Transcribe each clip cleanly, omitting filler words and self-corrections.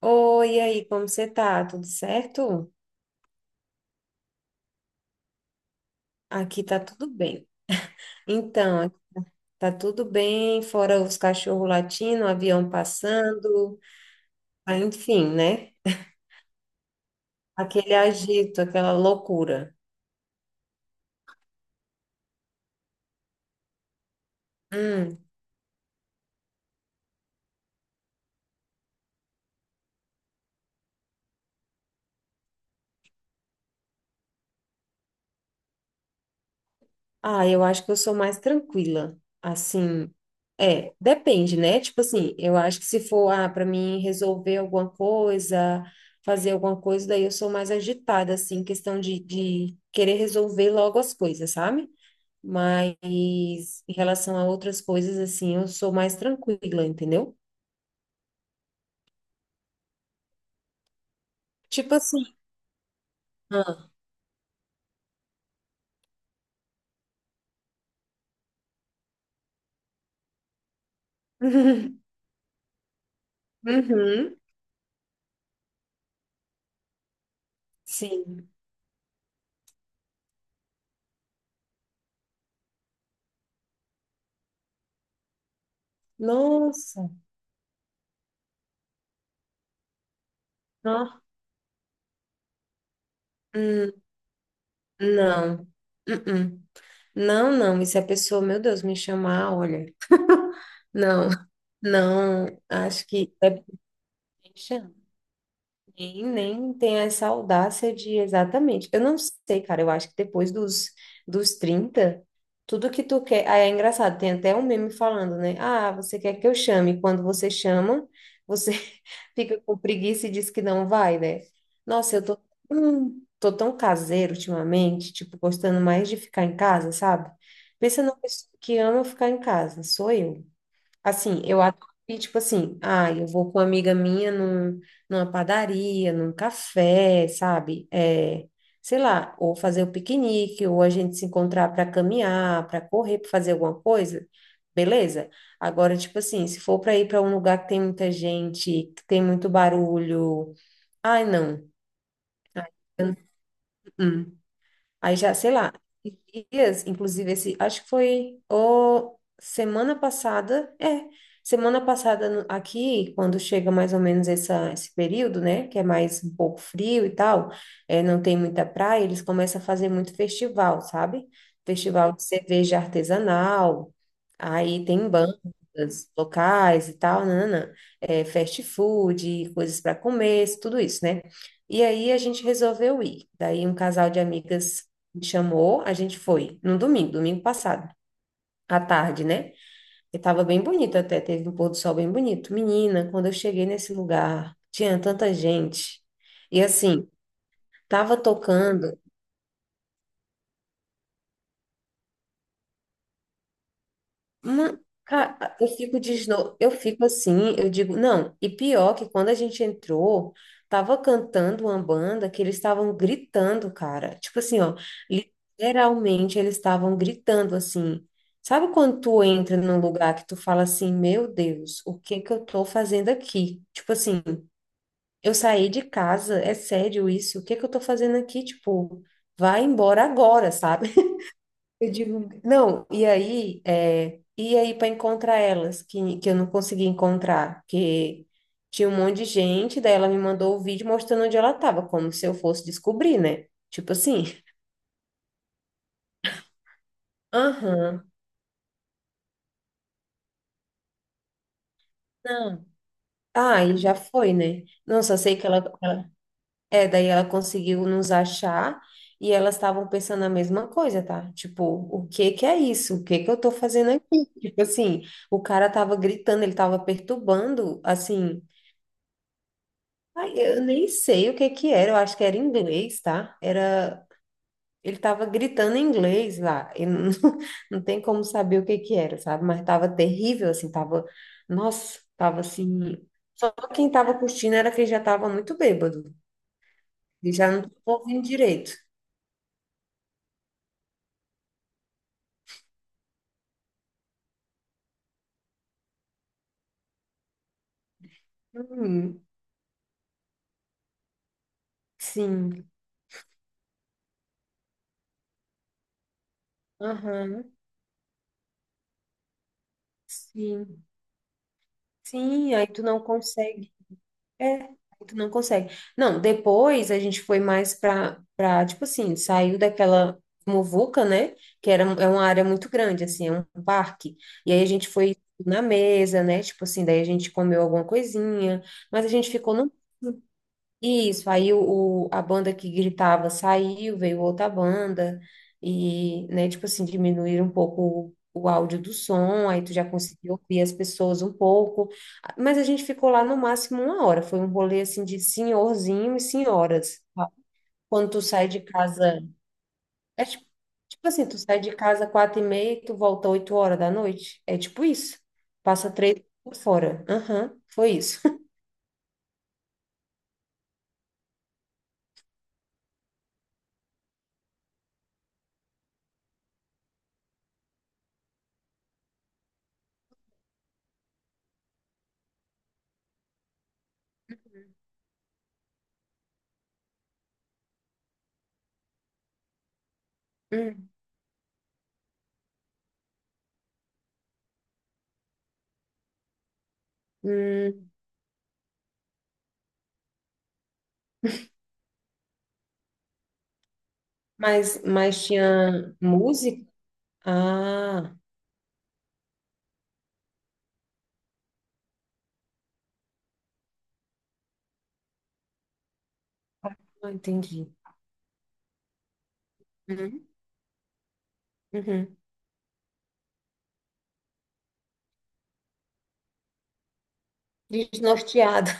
Oi, e aí, como você tá? Tudo certo? Aqui tá tudo bem. Então, aqui tá tudo bem, fora os cachorros latindo, o avião passando, ah, enfim, né? Aquele agito, aquela loucura. Hum. Ah, eu acho que eu sou mais tranquila. Assim, é, depende, né? Tipo assim, eu acho que se for, ah, para mim resolver alguma coisa, fazer alguma coisa, daí eu sou mais agitada, assim, questão de querer resolver logo as coisas, sabe? Mas em relação a outras coisas, assim, eu sou mais tranquila, entendeu? Tipo assim. Ah. Uhum, sim. Nossa. Ah, hum, não. Uh-uh. Não, não. E se a pessoa, meu Deus, me chamar, olha. Não, não. Acho que é. E nem tem essa audácia de exatamente. Eu não sei, cara, eu acho que depois dos 30 tudo que tu quer. Aí é engraçado, tem até um meme falando, né? Ah, você quer que eu chame? Quando você chama, você fica com preguiça e diz que não vai, né? Nossa, eu tô tão caseiro ultimamente, tipo, gostando mais de ficar em casa, sabe? Pensa numa pessoa que ama ficar em casa, sou eu. Assim, eu acho que, tipo assim, ah, eu vou com uma amiga minha numa padaria, num café, sabe? É, sei lá, ou fazer o piquenique, ou a gente se encontrar para caminhar, para correr, para fazer alguma coisa, beleza? Agora, tipo assim, se for para ir para um lugar que tem muita gente, que tem muito barulho, ai, não. Hum. Aí já, sei lá, esses dias, inclusive esse, acho que foi ou semana passada, é, semana passada aqui, quando chega mais ou menos essa, esse período, né, que é mais um pouco frio e tal, é, não tem muita praia, eles começam a fazer muito festival, sabe? Festival de cerveja artesanal, aí tem bandas locais e tal, nanana, é, fast food, coisas para comer, tudo isso, né? E aí a gente resolveu ir. Daí um casal de amigas me chamou, a gente foi no domingo, domingo passado, à tarde, né? E tava bem bonito até, teve um pôr do sol bem bonito. Menina, quando eu cheguei nesse lugar, tinha tanta gente. E assim, tava tocando. Não, eu fico eu fico assim, eu digo, não, e pior que quando a gente entrou, tava cantando uma banda que eles estavam gritando, cara. Tipo assim, ó, literalmente eles estavam gritando assim. Sabe quando tu entra num lugar que tu fala assim, meu Deus, o que que eu tô fazendo aqui? Tipo assim, eu saí de casa, é sério isso? O que que eu tô fazendo aqui? Tipo, vai embora agora, sabe? Eu digo, não, e aí para encontrar elas, que eu não consegui encontrar, que tinha um monte de gente, daí ela me mandou o vídeo mostrando onde ela estava, como se eu fosse descobrir, né? Tipo assim, aham, não. Ah, e já foi, né? Não, só sei que ela- é, daí ela conseguiu nos achar e elas estavam pensando a mesma coisa, tá? Tipo, o que que é isso? O que que eu tô fazendo aqui? Tipo assim, o cara tava gritando, ele tava perturbando, assim. Ai, eu nem sei o que que era, eu acho que era inglês, tá? Era, ele tava gritando em inglês lá, e não, não tem como saber o que que era, sabe? Mas tava terrível, assim, tava, nossa, tava assim, só quem tava curtindo era quem já tava muito bêbado, e já não tava ouvindo direito. Hum, sim, aham, sim, sim, aí tu não consegue. É, aí tu não consegue. Não, depois a gente foi mais pra tipo assim, saiu daquela muvuca, né? Que era, é uma área muito grande, assim, é um parque. E aí a gente foi na mesa, né? Tipo assim, daí a gente comeu alguma coisinha, mas a gente ficou num isso, aí o a banda que gritava saiu, veio outra banda, e, né, tipo assim, diminuíram um pouco o áudio do som, aí tu já conseguiu ouvir as pessoas um pouco, mas a gente ficou lá no máximo uma hora, foi um rolê, assim, de senhorzinho e senhoras. Quando tu sai de casa, é tipo, tipo assim, tu sai de casa 4h30 e tu volta 8 horas da noite, é tipo isso, passa três por fora, aham, foi isso. Hum. Mas tinha música? Ah, ah, entendi. Uhum. Uhum. Desnorteado.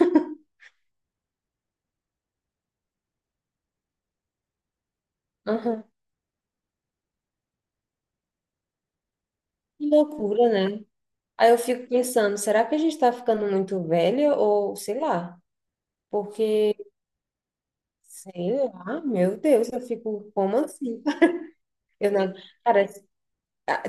Aham. Que loucura, né? Aí eu fico pensando, será que a gente tá ficando muito velha ou sei lá? Porque, sei lá, meu Deus, eu fico, como assim? Eu não, cara,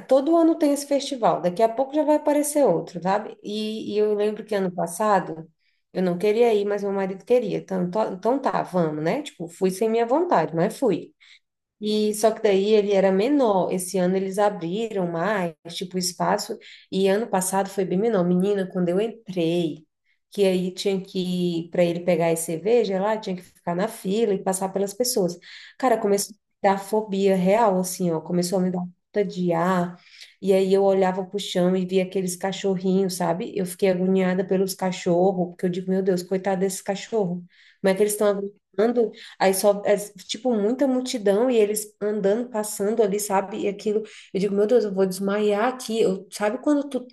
todo ano tem esse festival, daqui a pouco já vai aparecer outro, sabe? E eu lembro que ano passado eu não queria ir, mas meu marido queria. Então, então tá, vamos, né? Tipo, fui sem minha vontade, mas fui. E só que daí ele era menor. Esse ano eles abriram mais, tipo, o espaço. E ano passado foi bem menor. Menina, quando eu entrei, que aí tinha que, para ele pegar as cerveja lá, tinha que ficar na fila e passar pelas pessoas. Cara, começou a me dar fobia real, assim, ó. Começou a me dar falta de ar. E aí eu olhava pro chão e via aqueles cachorrinhos, sabe? Eu fiquei agoniada pelos cachorros, porque eu digo, meu Deus, coitado desses cachorros. Como é que eles estão aguentando? Aí só, é, tipo, muita multidão e eles andando, passando ali, sabe? E aquilo, eu digo, meu Deus, eu vou desmaiar aqui. Eu, sabe quando tu.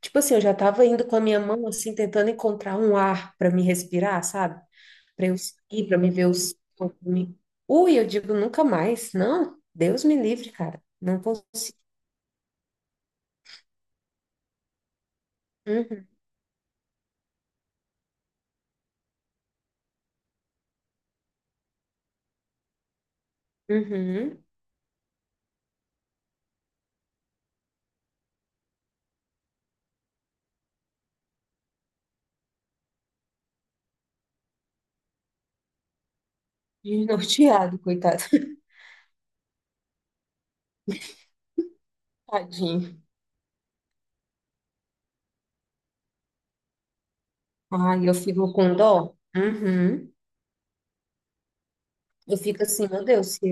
Tipo assim, eu já tava indo com a minha mão, assim, tentando encontrar um ar para me respirar, sabe? Para eu seguir, para me ver os. Ui, eu digo, nunca mais. Não, Deus me livre, cara. Não consigo. Uhum, uhum. Desnorteado, coitado. Tadinho. Ai, eu fico com dó. Uhum. Eu fico assim, meu Deus, se.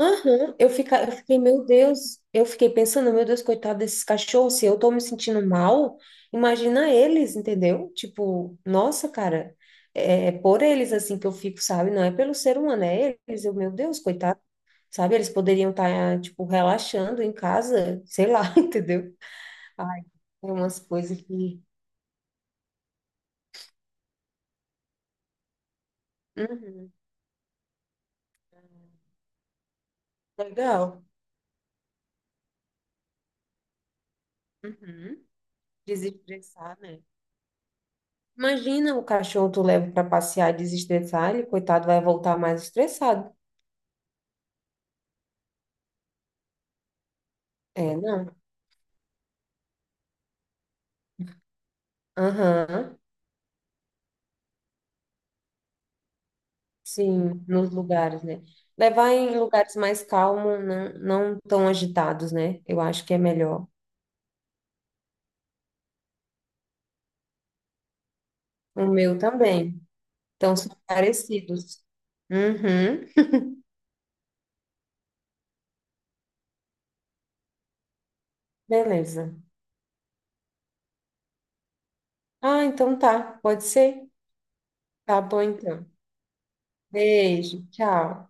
Aham. Eu fiquei, meu Deus, eu fiquei pensando, meu Deus, coitado desses cachorros, se eu tô me sentindo mal, imagina eles, entendeu? Tipo, nossa, cara, é por eles assim que eu fico, sabe? Não é pelo ser humano, é eles, eu, meu Deus, coitado, sabe? Eles poderiam estar, tipo, relaxando em casa, sei lá, entendeu? Ai, tem umas coisas que... Uhum, legal. Uhum. Desestressar, né? Imagina o cachorro tu leva para passear e desestressar, ele, coitado, vai voltar mais estressado. É, não. Aham. Sim, nos lugares, né? Levar em lugares mais calmos, não, não tão agitados, né? Eu acho que é melhor. O meu também. Então, são parecidos. Uhum. Beleza. Ah, então tá. Pode ser? Tá bom, então. Beijo. Tchau.